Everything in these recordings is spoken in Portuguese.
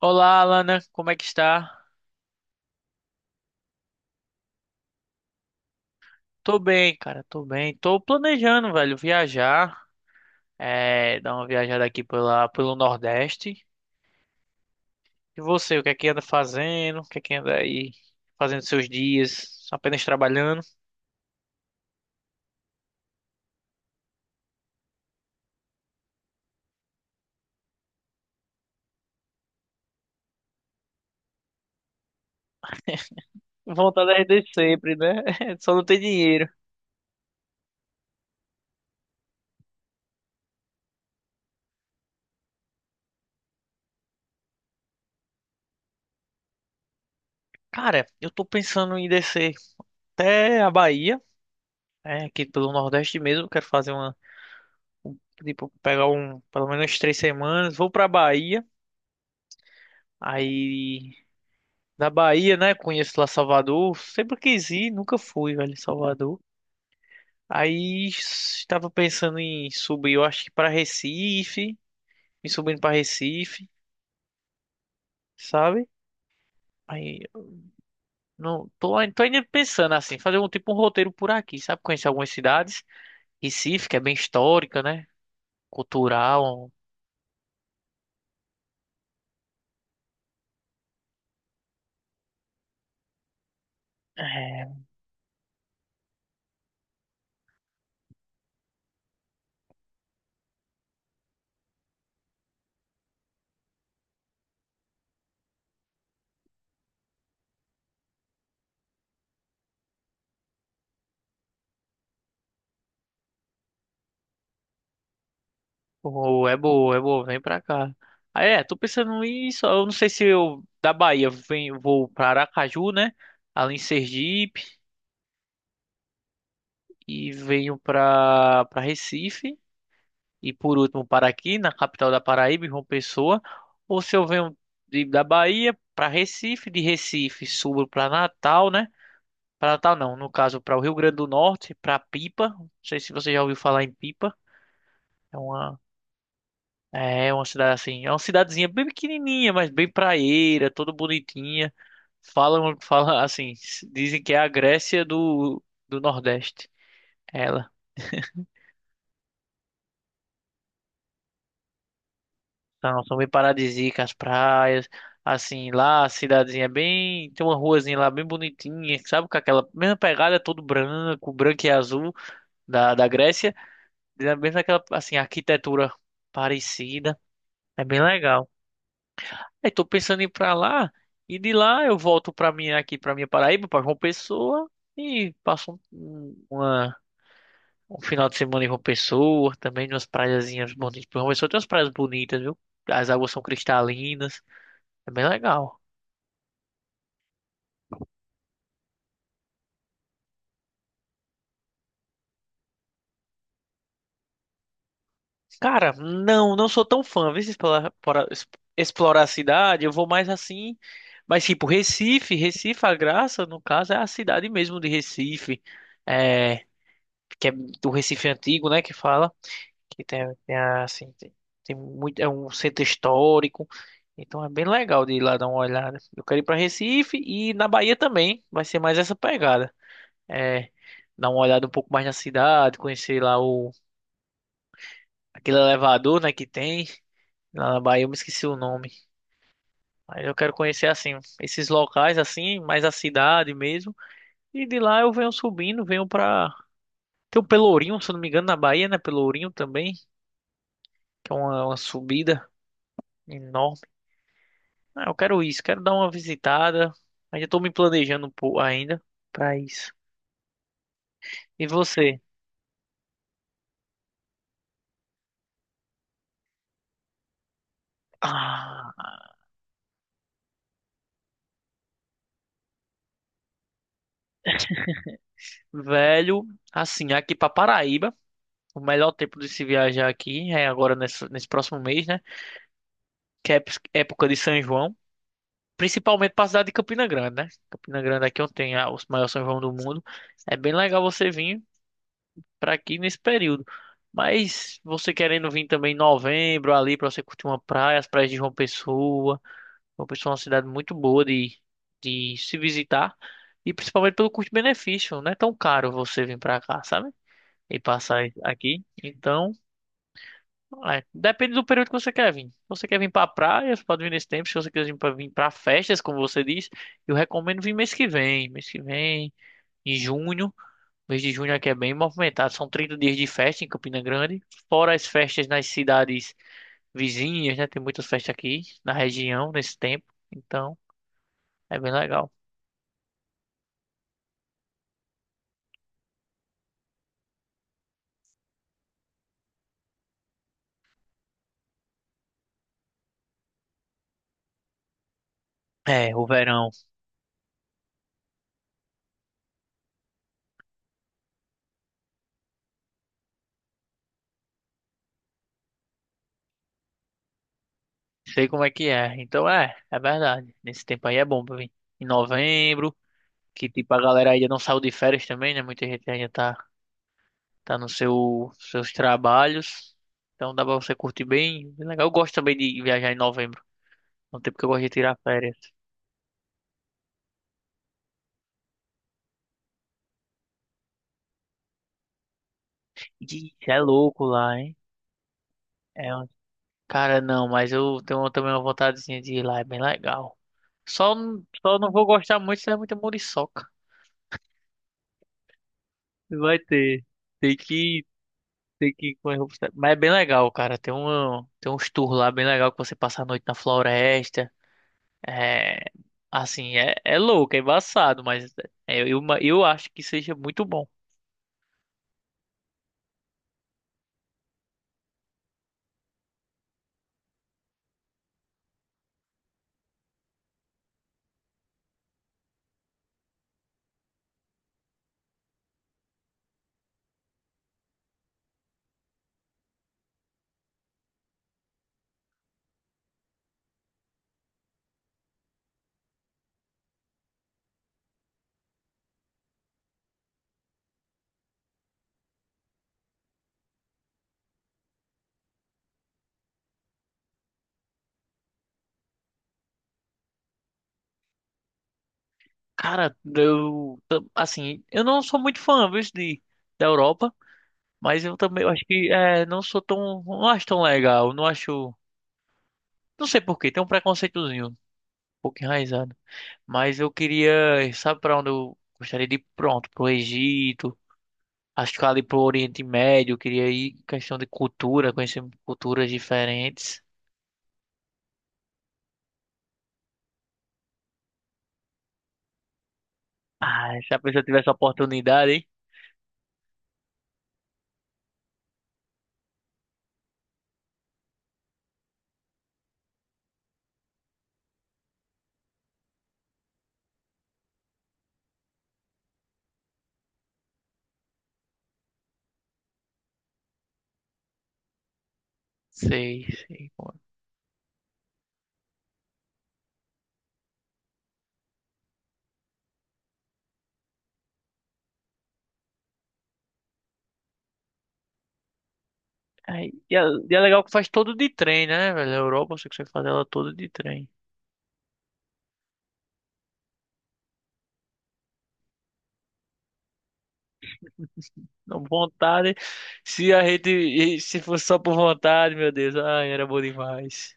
Olá, Alana, como é que está? Tô bem, cara, tô bem. Tô planejando, velho, viajar, dar uma viajada aqui pelo Nordeste. E você, o que é que anda fazendo? O que é que anda aí fazendo seus dias? Apenas trabalhando? Vontade é de sempre, né? Só não tem dinheiro. Cara, eu tô pensando em descer até a Bahia, aqui pelo Nordeste mesmo. Quero fazer um- tipo, pegar pelo menos 3 semanas. Vou pra Bahia, aí. Na Bahia, né? Conheço lá Salvador. Sempre quis ir, nunca fui, velho, em Salvador. Aí estava pensando em subir, eu acho que para Recife, me subindo para Recife, sabe? Aí não tô, tô ainda pensando assim, fazer um tipo um roteiro por aqui, sabe? Conhecer algumas cidades, Recife, que é bem histórica, né? Cultural. É, pô, é boa, vem pra cá. Aí tô pensando nisso, eu não sei se eu da Bahia venho, vou pra Aracaju, né? Ali em Sergipe. E venho para Recife e por último para aqui na capital da Paraíba, em João Pessoa, ou se eu venho da Bahia para Recife, de Recife subo para Natal, né? Para Natal não, no caso para o Rio Grande do Norte, para Pipa. Não sei se você já ouviu falar em Pipa. É uma é é uma cidade assim, é uma cidadezinha bem pequenininha, mas bem praieira, toda bonitinha. Falam assim, dizem que é a Grécia do Nordeste. Ela São bem paradisíacas as praias. Assim, lá a cidadezinha é bem. Tem uma ruazinha lá bem bonitinha, sabe? Com aquela mesma pegada, todo branco, branco e azul da Grécia. Mesmo aquela, assim, arquitetura parecida. É bem legal. Aí tô pensando em ir pra lá. E de lá eu volto pra minha, aqui pra minha Paraíba, pra João Pessoa. E passo um final de semana em João Pessoa. Também umas praiazinhas bonitas. João Pessoa tem umas praias bonitas, viu? As águas são cristalinas. É bem legal. Cara, não, não sou tão fã. Vê se explorar, explorar a cidade, eu vou mais assim. Mas tipo, Recife, Recife, a graça, no caso, é a cidade mesmo de Recife. É, que é do Recife antigo, né, que fala. Que assim, tem muito, é um centro histórico. Então é bem legal de ir lá dar uma olhada. Eu quero ir para Recife e na Bahia também. Vai ser mais essa pegada. É, dar uma olhada um pouco mais na cidade, conhecer lá o aquele elevador, né, que tem. Lá na Bahia eu me esqueci o nome. Mas eu quero conhecer assim esses locais assim, mais a cidade mesmo. E de lá eu venho subindo, venho pra. Tem o Pelourinho, se eu não me engano, na Bahia, né? Pelourinho também, que é uma subida enorme. Ah, eu quero isso, quero dar uma visitada. Ainda tô me planejando um pouco ainda pra isso. E você? Ah, velho, assim, aqui pra Paraíba, o melhor tempo de se viajar aqui é agora nesse próximo mês, né? Que é época de São João. Principalmente para a cidade de Campina Grande, né? Campina Grande aqui é onde tem os maiores São João do mundo. É bem legal você vir para aqui nesse período. Mas você querendo vir também em novembro ali para você curtir uma praia, as praias de João Pessoa. João Pessoa é uma cidade muito boa de se visitar e principalmente pelo custo-benefício, não é tão caro você vir para cá, sabe? E passar aqui. Então depende do período que você quer vir. Se você quer vir pra praia, você pode vir nesse tempo. Se você quiser vir pra festas, como você diz, eu recomendo vir mês que vem. Mês que vem, em junho. Mês de junho aqui é bem movimentado. São 30 dias de festa em Campina Grande. Fora as festas nas cidades vizinhas, né? Tem muitas festas aqui na região nesse tempo. Então, é bem legal. É, o verão. Sei, Como é que é. Então, é verdade. Nesse tempo aí é bom pra vir. Em novembro, que tipo, a galera ainda não saiu de férias também, né? Muita gente ainda tá no seus trabalhos. Então dá pra você curtir bem, bem legal. Eu gosto também de viajar em novembro, é um tempo que eu gosto de tirar férias. Ih, é louco lá, hein? É, um- cara, não, mas eu tenho também uma vontadezinha de ir lá, é bem legal. Só, só não vou gostar muito se é muita muriçoca. Vai ter. Tem que, tem que ir com as roupas. Mas é bem legal, cara. Tem uns tours lá bem legal que você passa a noite na floresta. É, assim, é louco, é embaçado, mas eu acho que seja muito bom. Cara, eu, assim, eu não sou muito fã, viu, da Europa, mas eu também eu acho que não sou tão, não acho tão legal, não acho, não sei por quê, tem um preconceitozinho, um pouco enraizado. Mas eu queria, sabe pra onde eu gostaria de ir? Pronto, pro Egito, acho que ali pro Oriente Médio, eu queria ir, questão de cultura, conhecer culturas diferentes. Ah, se a pessoa tivesse a oportunidade, hein? Sei, sei. Como é. Aí, e é legal que faz todo de trem, né, velho? A Europa, você consegue fazer ela toda de trem. Não, vontade. Se a gente. E se fosse só por vontade, meu Deus. Ai, era bom demais.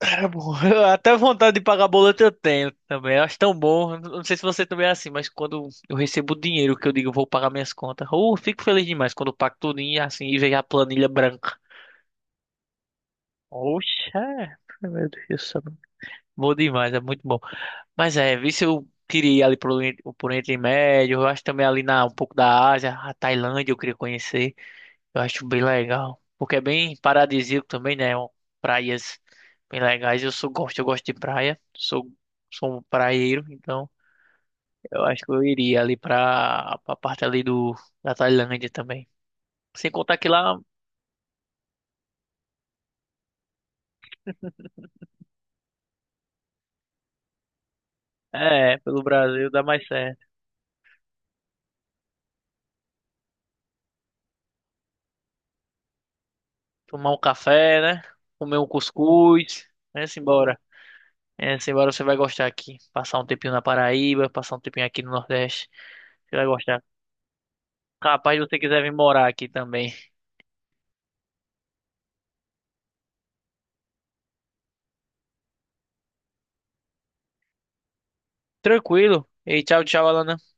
Era bom. Até vontade de pagar boleto eu tenho também. Eu acho tão bom. Eu não sei se você também é assim, mas quando eu recebo dinheiro que eu digo, eu vou pagar minhas contas. Ou fico feliz demais quando eu pago tudinho assim e vejo a planilha branca. Oxa, meu Deus do céu. Bom demais, é muito bom. Mas vi se eu queria ir ali pro Oriente Médio, eu acho também ali um pouco da Ásia, a Tailândia eu queria conhecer, eu acho bem legal, porque é bem paradisíaco também, né, praias bem legais, eu gosto de praia, sou um praieiro, então eu acho que eu iria ali pra parte ali da Tailândia também, sem contar que lá, pelo Brasil dá mais certo, tomar um café, né, comer um cuscuz, né, simbora. É, Simbora, você vai gostar aqui. Passar um tempinho na Paraíba, passar um tempinho aqui no Nordeste. Você vai gostar. Rapaz se você quiser vir morar aqui também. Tranquilo. E tchau, tchau, Alana.